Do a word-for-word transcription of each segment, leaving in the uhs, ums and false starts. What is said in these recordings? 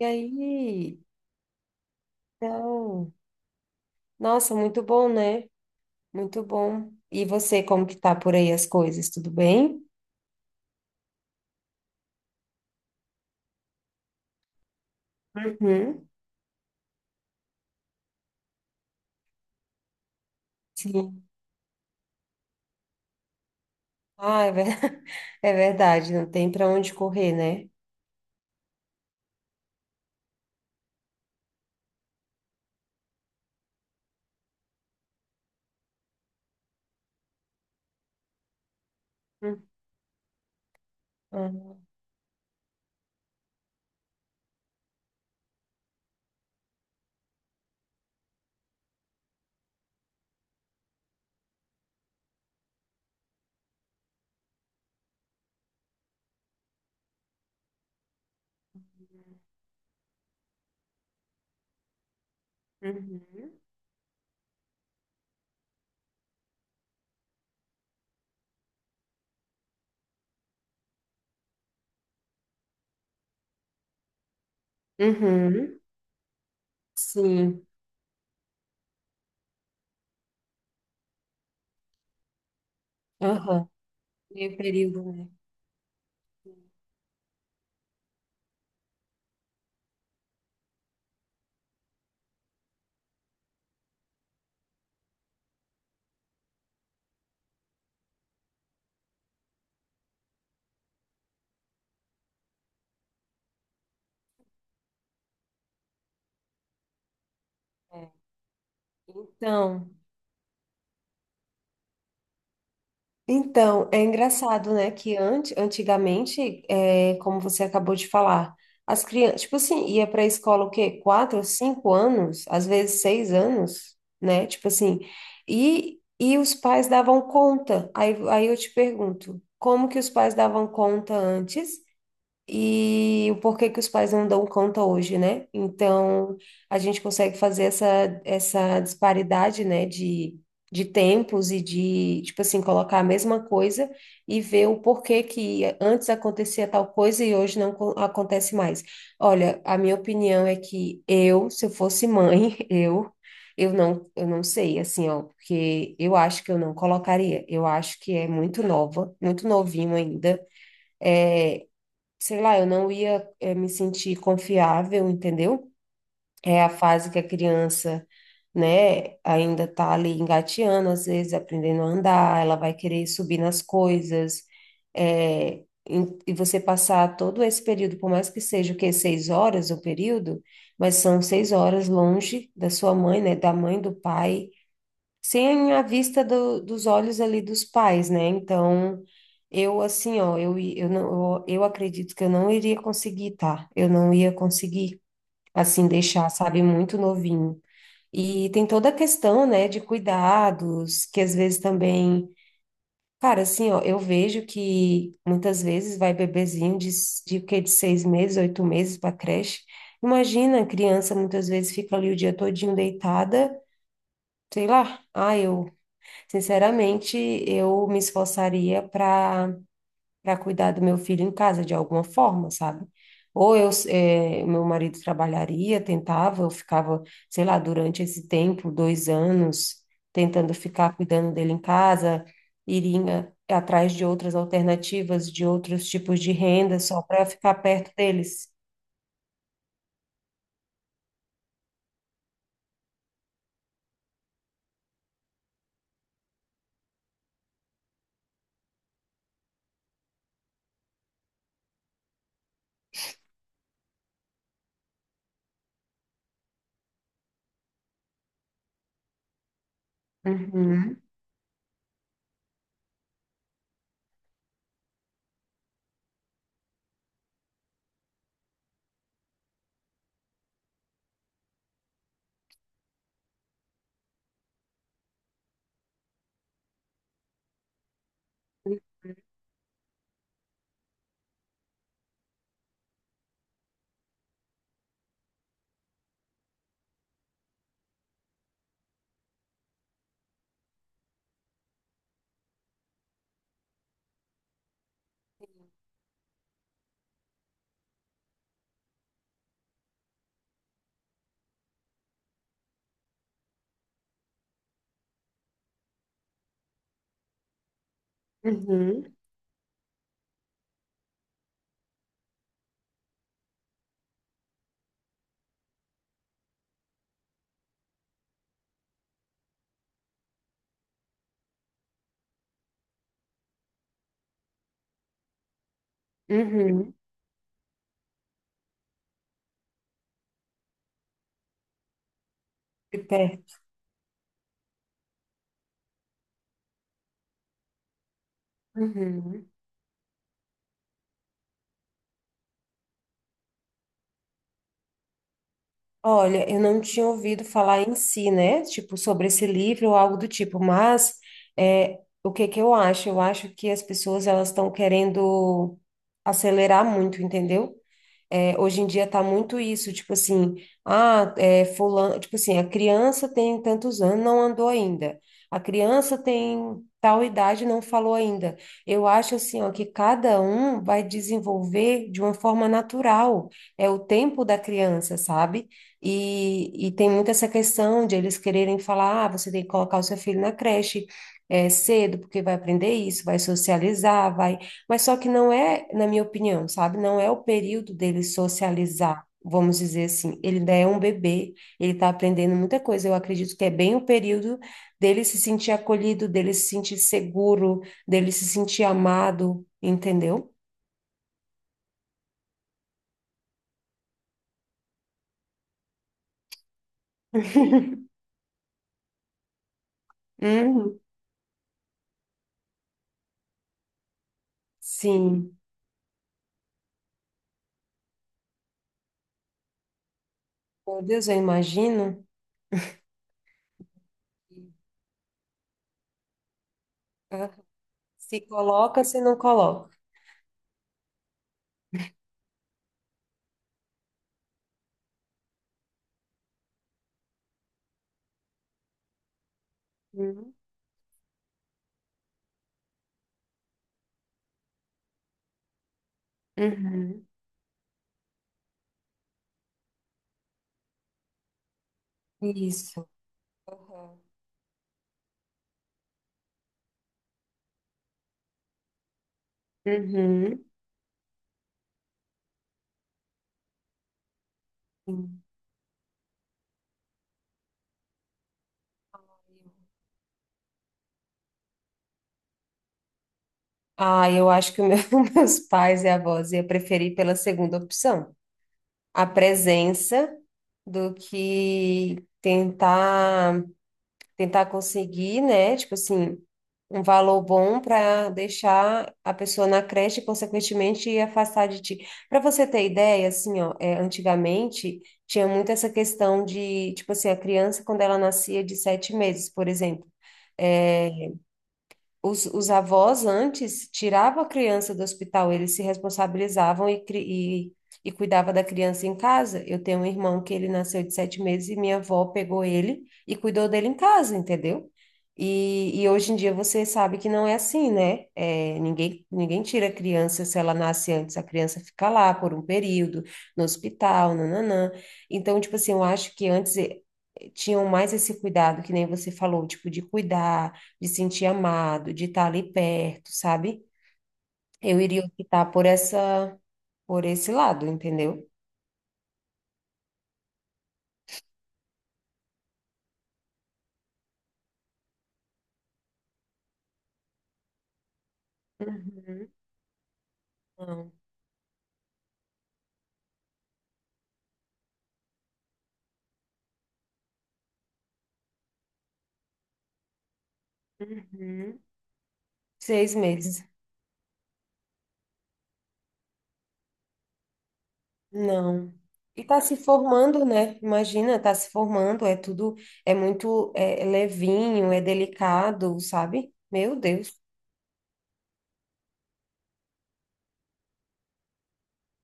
E aí, então, nossa, muito bom, né? Muito bom. E você, como que tá por aí as coisas? Tudo bem? Uhum. Sim. Ah, é, ver- é verdade, não tem para onde correr, né? Hum. Ah, uhum. Uhum. Sim. Aham. Meio período, né? É. Então. Então, é engraçado, né, que antes, antigamente, é, como você acabou de falar, as crianças, tipo assim, ia para a escola o quê? Quatro, cinco anos, às vezes seis anos, né? Tipo assim, e, e os pais davam conta. Aí, aí eu te pergunto, como que os pais davam conta antes? E o porquê que os pais não dão conta hoje, né? Então, a gente consegue fazer essa, essa, disparidade, né, de, de tempos e de, tipo assim, colocar a mesma coisa e ver o porquê que antes acontecia tal coisa e hoje não co- acontece mais. Olha, a minha opinião é que eu, se eu fosse mãe, eu. Eu não, eu não sei, assim, ó, porque eu acho que eu não colocaria. Eu acho que é muito nova, muito novinho ainda, sei lá, eu não ia, eh, me sentir confiável, entendeu? É a fase que a criança, né, ainda tá ali engateando, às vezes aprendendo a andar, ela vai querer subir nas coisas, eh, em- e você passar todo esse período, por mais que seja o quê, seis horas o período, mas são seis horas longe da sua mãe, né, da mãe, do pai, sem a vista do- dos olhos ali dos pais, né? Então, eu assim, ó, eu, i- eu não, eu, eu acredito que eu não iria conseguir, tá? Eu não ia conseguir, assim, deixar, sabe, muito novinho. E tem toda a questão, né, de cuidados, que às vezes também, cara, assim, ó, eu vejo que muitas vezes vai bebezinho de, s- de, que, de seis meses, oito meses para creche. Imagina, a criança muitas vezes fica ali o dia todinho deitada, sei lá, ah, eu sinceramente, eu me esforçaria para para cuidar do meu filho em casa de alguma forma, sabe? Ou eu, eh, meu marido trabalharia, tentava, eu ficava, sei lá, durante esse tempo, dois anos, tentando ficar cuidando dele em casa, iria atrás de outras alternativas, de outros tipos de renda, só para ficar perto deles. Uhum, uhum, uhum, de perto. Uhum. Olha, eu não tinha ouvido falar em si, né? Tipo, sobre esse livro ou algo do tipo, mas é, o que que eu acho? Eu acho que as pessoas elas estão querendo acelerar muito, entendeu? É, hoje em dia tá muito isso, tipo assim, ah, é, fulano, tipo assim, a criança tem tantos anos, não andou ainda. A criança tem tal idade, não falou ainda. Eu acho assim, ó, que cada um vai desenvolver de uma forma natural. É o tempo da criança, sabe? E, e tem muito essa questão de eles quererem falar, ah, você tem que colocar o seu filho na creche. É, cedo, porque vai aprender isso, vai socializar, vai mas só que não é, na minha opinião, sabe? Não é o período dele socializar, vamos dizer assim. Ele ainda é um bebê, ele está aprendendo muita coisa. Eu acredito que é bem o período dele se sentir acolhido, dele se sentir seguro, dele se sentir amado, entendeu? Uhum. Sim. Meu Deus, eu imagino. Aham. Se coloca, se não coloca. Uhum. Uhum. Isso. Aham. Uhum. Sim. Ah, eu acho que o meu- meus pais e avós ia preferir pela segunda opção, a presença do que tentar tentar conseguir, né? Tipo assim, um valor bom para deixar a pessoa na creche e, consequentemente, afastar de ti. Para você ter ideia, assim, ó, é, antigamente tinha muito essa questão de, tipo assim, a criança quando ela nascia de sete meses, por exemplo. É, os, os avós antes tiravam a criança do hospital, eles se responsabilizavam e, cri- e, e cuidava da criança em casa. Eu tenho um irmão que ele nasceu de sete meses e minha avó pegou ele e cuidou dele em casa, entendeu? E, e hoje em dia você sabe que não é assim, né? É, ninguém, ninguém, tira a criança se ela nasce antes, a criança fica lá por um período, no hospital, nananã. Então, tipo assim, eu acho que antes tinham mais esse cuidado, que nem você falou, tipo, de cuidar, de sentir amado, de estar ali perto, sabe? Eu iria optar por essa, por esse lado, entendeu? Uhum. Não. Uhum. Seis meses. Não. E tá se formando, né? Imagina, tá se formando, é tudo, é muito é, é levinho, é delicado, sabe? Meu Deus.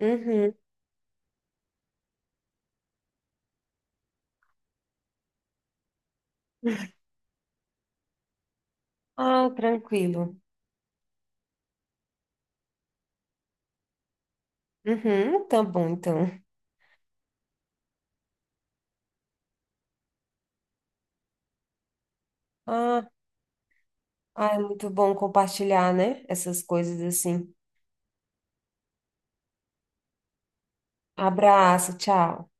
Uhum. Ah, tranquilo. Uhum, tá bom, então. Ah, ah, é muito bom compartilhar, né? Essas coisas assim. Abraço, tchau.